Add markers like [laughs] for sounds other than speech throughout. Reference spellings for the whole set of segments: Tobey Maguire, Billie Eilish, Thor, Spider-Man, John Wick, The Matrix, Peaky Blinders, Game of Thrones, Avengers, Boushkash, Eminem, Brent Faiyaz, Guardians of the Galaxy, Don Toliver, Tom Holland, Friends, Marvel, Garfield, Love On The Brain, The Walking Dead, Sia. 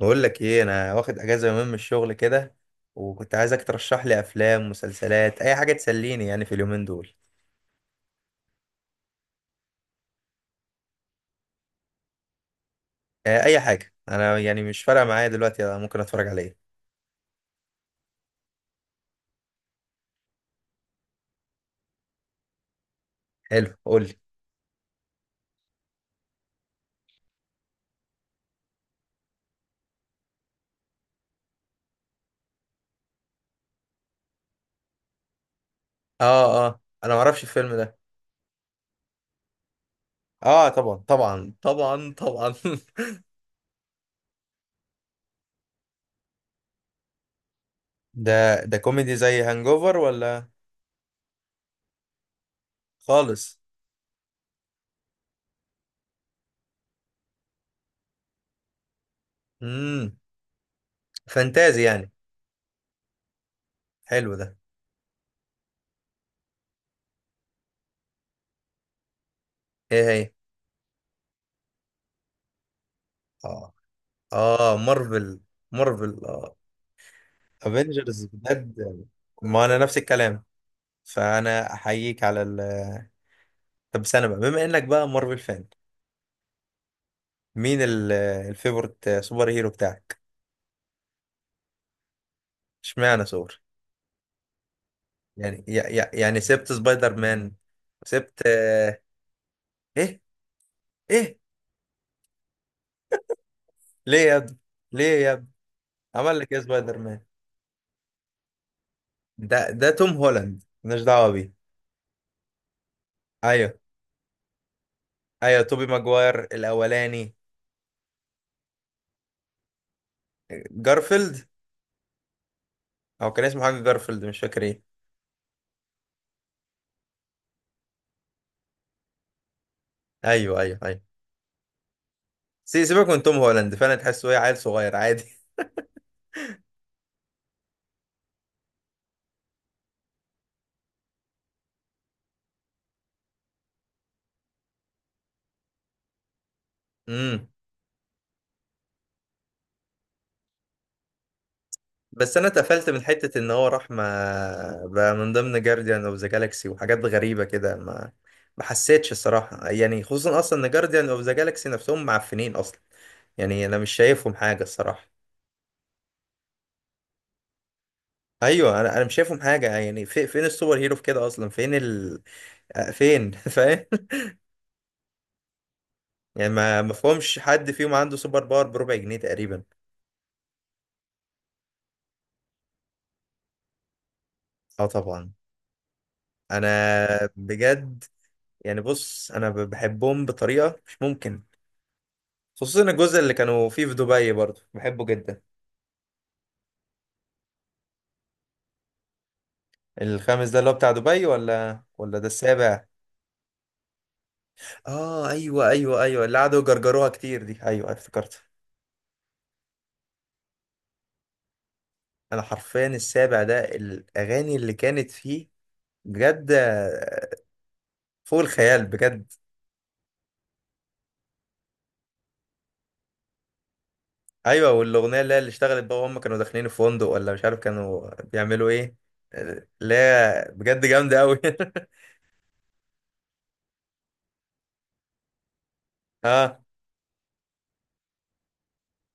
بقول لك ايه، انا واخد اجازه يومين من الشغل كده. وكنت عايزك ترشح لي افلام مسلسلات، اي حاجه تسليني يعني في اليومين دول. آه، اي حاجه، انا يعني مش فارقه معايا دلوقتي. أنا ممكن اتفرج على ايه؟ حلو، قول لي. اه، اه، انا ما اعرفش الفيلم ده. اه طبعا طبعا طبعا طبعا. [laughs] ده كوميدي زي هانجوفر ولا؟ خالص. امم فانتازي يعني. حلو ده. ايه هي؟ اه، اه، مارفل. مارفل، اه. افنجرز، بجد. ما انا نفس الكلام، فانا احييك على ال... طب استنى بقى، بما انك بقى مارفل فان، مين الفيفورت سوبر هيرو بتاعك؟ اشمعنى ثور؟ يعني يعني سبت سبايدر مان؟ سبت؟ آه، ايه؟ ايه؟ ليه يا ابني؟ ليه يا ابني؟ عمل لك ايه سبايدر مان؟ ده توم هولاند، مالناش دعوه بيه. ايوه ايوه، توبي ماجواير الاولاني. جارفيلد. او كان اسمه حاجه جارفيلد، مش فاكر ايه. ايوه ايوه ايوه. سيبك من توم هولاند، فانا تحسه ايه، عيل صغير عادي. [laughs] امم بس انا اتقفلت من حته ان هو راح، ما بقى من ضمن جارديان اوف ذا جالاكسي وحاجات غريبه كده، ما حسيتش الصراحه يعني. خصوصا اصلا ان جارديان اوف ذا جالاكسي نفسهم معفنين اصلا. يعني انا مش شايفهم حاجه الصراحه. ايوه، انا مش شايفهم حاجه يعني، في فين السوبر هيرو في كده اصلا، فين ال... فين؟ [laughs] فاهم؟ يعني ما مفهومش حد فيهم عنده سوبر باور بربع جنيه تقريبا. اه طبعا، انا بجد يعني، بص انا بحبهم بطريقه مش ممكن. خصوصا الجزء اللي كانوا فيه في دبي، برضو بحبه جدا. الخامس ده اللي هو بتاع دبي، ولا ده السابع؟ اه، ايوه ايوه ايوه، اللي قعدوا يجرجروها كتير دي، ايوه افتكرت. انا حرفيا السابع ده الاغاني اللي كانت فيه بجد فوق الخيال بجد. ايوه والاغنيه اللي اشتغلت بقى وهم كانوا داخلين الفندق ولا مش عارف كانوا بيعملوا ايه، اللي هي بجد جامده قوي. [laughs] اه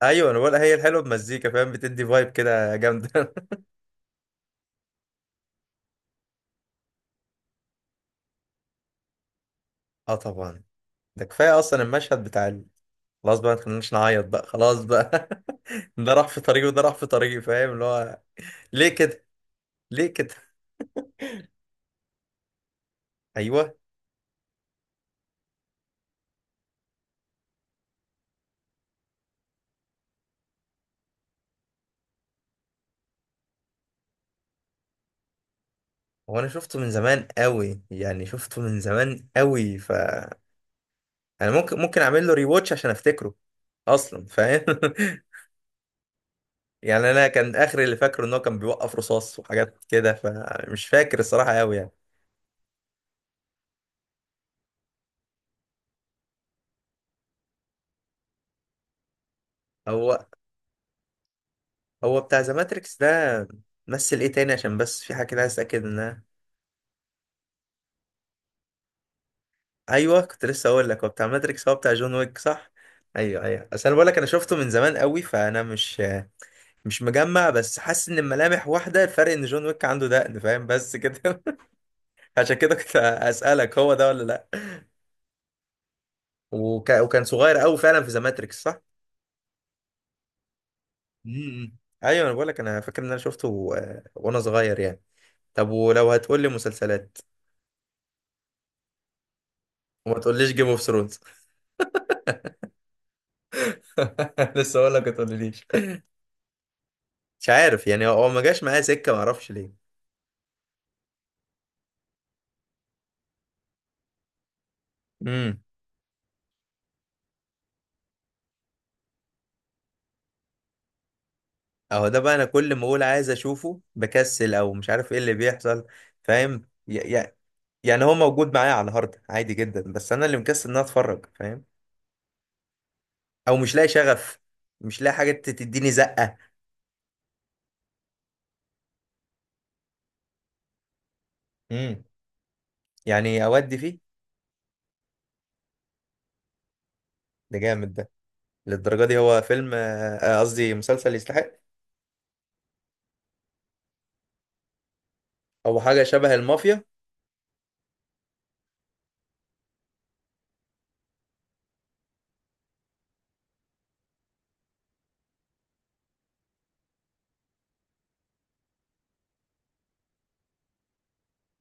ايوه، انا بقول هي الحلوه بمزيكا، فاهم، بتدي فايب كده جامده. [laughs] اه طبعا. ده كفايه اصلا المشهد بتاع ال... خلاص بقى، ما تخليناش نعيط بقى، خلاص بقى. [laughs] ده راح في طريقي وده راح في طريقي، فاهم اللي هو. ليه كده؟ ليه كده؟ ايوه. هو انا شفته من زمان قوي يعني، شفته من زمان قوي، ف... انا ممكن اعمل له ريواتش عشان افتكره اصلا، فاهم. [laughs] يعني انا كان اخر اللي فاكره ان هو كان بيوقف رصاص وحاجات كده، فمش فاكر الصراحه قوي يعني. هو هو بتاع ذا ماتريكس ده، مثل ايه تاني، عشان بس في حاجه كده عايز اتاكد منها. ايوه كنت لسه اقول لك، هو بتاع ماتريكس هو بتاع جون ويك، صح؟ ايوه ايوه، اصل انا بقول لك انا شفته من زمان قوي، فانا مش مجمع، بس حاسس ان الملامح واحده، الفرق ان جون ويك عنده دقن، فاهم، بس كده. [laughs] عشان كده كنت اسالك هو ده ولا لا. وكان صغير قوي فعلا في ذا ماتريكس، صح؟ امم ايوه انا بقول لك انا فاكر ان انا شفته وانا صغير يعني. طب ولو هتقول لي مسلسلات، وما تقوليش جيم اوف ثرونز. [laughs] لسه اقول لك ما تقوليش. مش عارف يعني، هو ما جاش معايا سكه، ما اعرفش ليه. اهو ده بقى، انا كل ما اقول عايز اشوفه بكسل او مش عارف ايه اللي بيحصل. فاهم، يعني هو موجود معايا على الهارد عادي جدا، بس انا اللي مكسل ان انا اتفرج، فاهم. او مش لاقي شغف. مش لاقي حاجه تديني زقه. امم يعني اودي فيه. ده جامد ده. للدرجه دي هو فيلم، قصدي مسلسل يستحق؟ او حاجه شبه المافيا.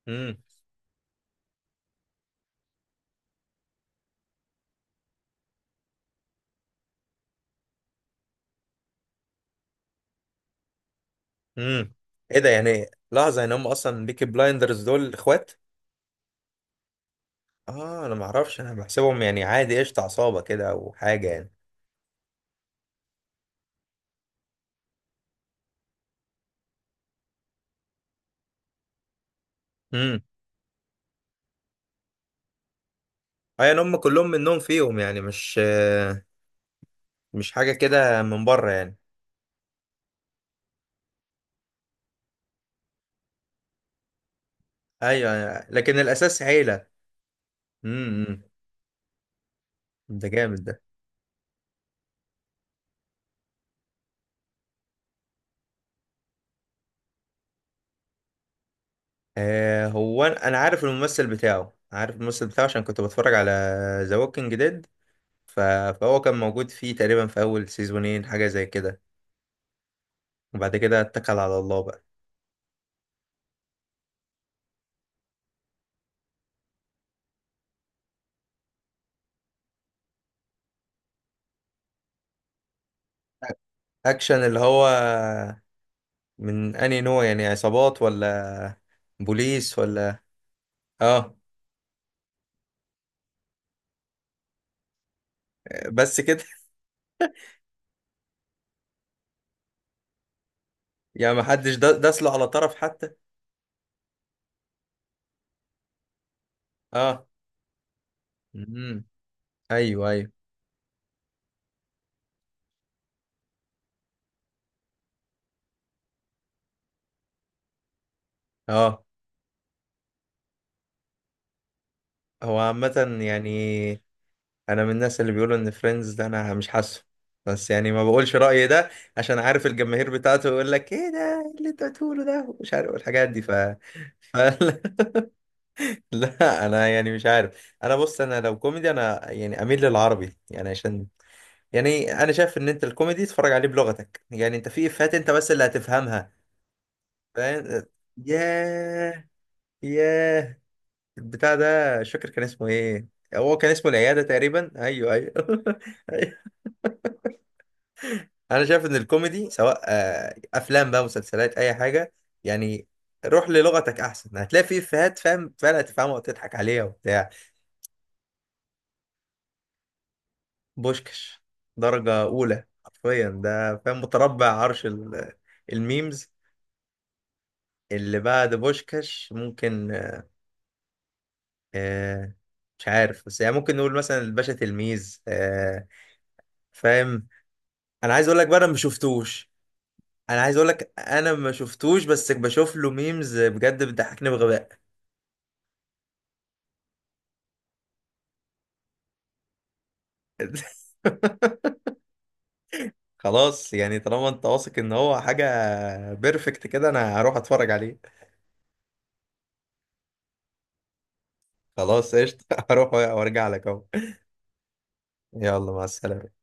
امم. امم. ايه ده؟ يعني لحظه، يعني هم اصلا بيكي بلايندرز دول اخوات؟ اه انا ما اعرفش، انا بحسبهم يعني عادي قشطه عصابه كده او حاجه يعني. ايوه هم كلهم منهم فيهم يعني، مش حاجه كده من بره يعني. ايوه لكن الاساس عيله. امم. امم. ده جامد ده. هو انا عارف الممثل بتاعه، عارف الممثل بتاعه عشان كنت بتفرج على ذا ووكينج ديد، فهو كان موجود فيه تقريبا في اول سيزونين حاجه زي كده. وبعد كده اتكل على الله بقى. اكشن اللي هو من انهي نوع يعني، عصابات ولا بوليس ولا؟ اه بس كده. [laughs] يعني محدش داس له على طرف حتى. اه. امم. ايوه ايوه. اه هو عامة يعني. انا من الناس اللي بيقولوا ان فريندز ده انا مش حاسه، بس يعني ما بقولش رأيي ده عشان عارف الجماهير بتاعته يقول لك: ايه ده، إيه اللي انت بتقوله ده، مش عارف الحاجات دي. ف... [laughs] لا انا يعني مش عارف، انا بص انا لو كوميدي انا يعني اميل للعربي يعني، عشان يعني انا شايف ان انت الكوميدي تتفرج عليه بلغتك، يعني انت في افيهات انت بس اللي هتفهمها، فاهم. ياه. ياه. البتاع ده مش فاكر كان اسمه ايه. هو كان اسمه العيادة تقريبا، ايوه ايوه. [laughs] أيوة. انا شايف ان الكوميدي، سواء افلام بقى مسلسلات اي حاجة يعني، روح للغتك احسن، هتلاقي فيه افيهات فاهم، فعلا هتفهمها وتضحك عليها وبتاع. بوشكش. درجة اولى حرفيا ده، فاهم، متربع عرش ال... الميمز. اللي بعد بوشكش ممكن آه، مش عارف، بس يعني ممكن نقول مثلا الباشا تلميذ فاهم. انا عايز اقول لك بقى انا ما شفتوش. انا عايز اقول لك انا ما شفتوش، بس بشوف له ميمز بجد بتضحكني بغباء. [laughs] خلاص يعني، طالما انت واثق ان هو حاجه بيرفكت كده، انا هروح اتفرج عليه. خلاص قشطه. [laughs] هروح وارجع لك اهو. يلا، مع السلامه.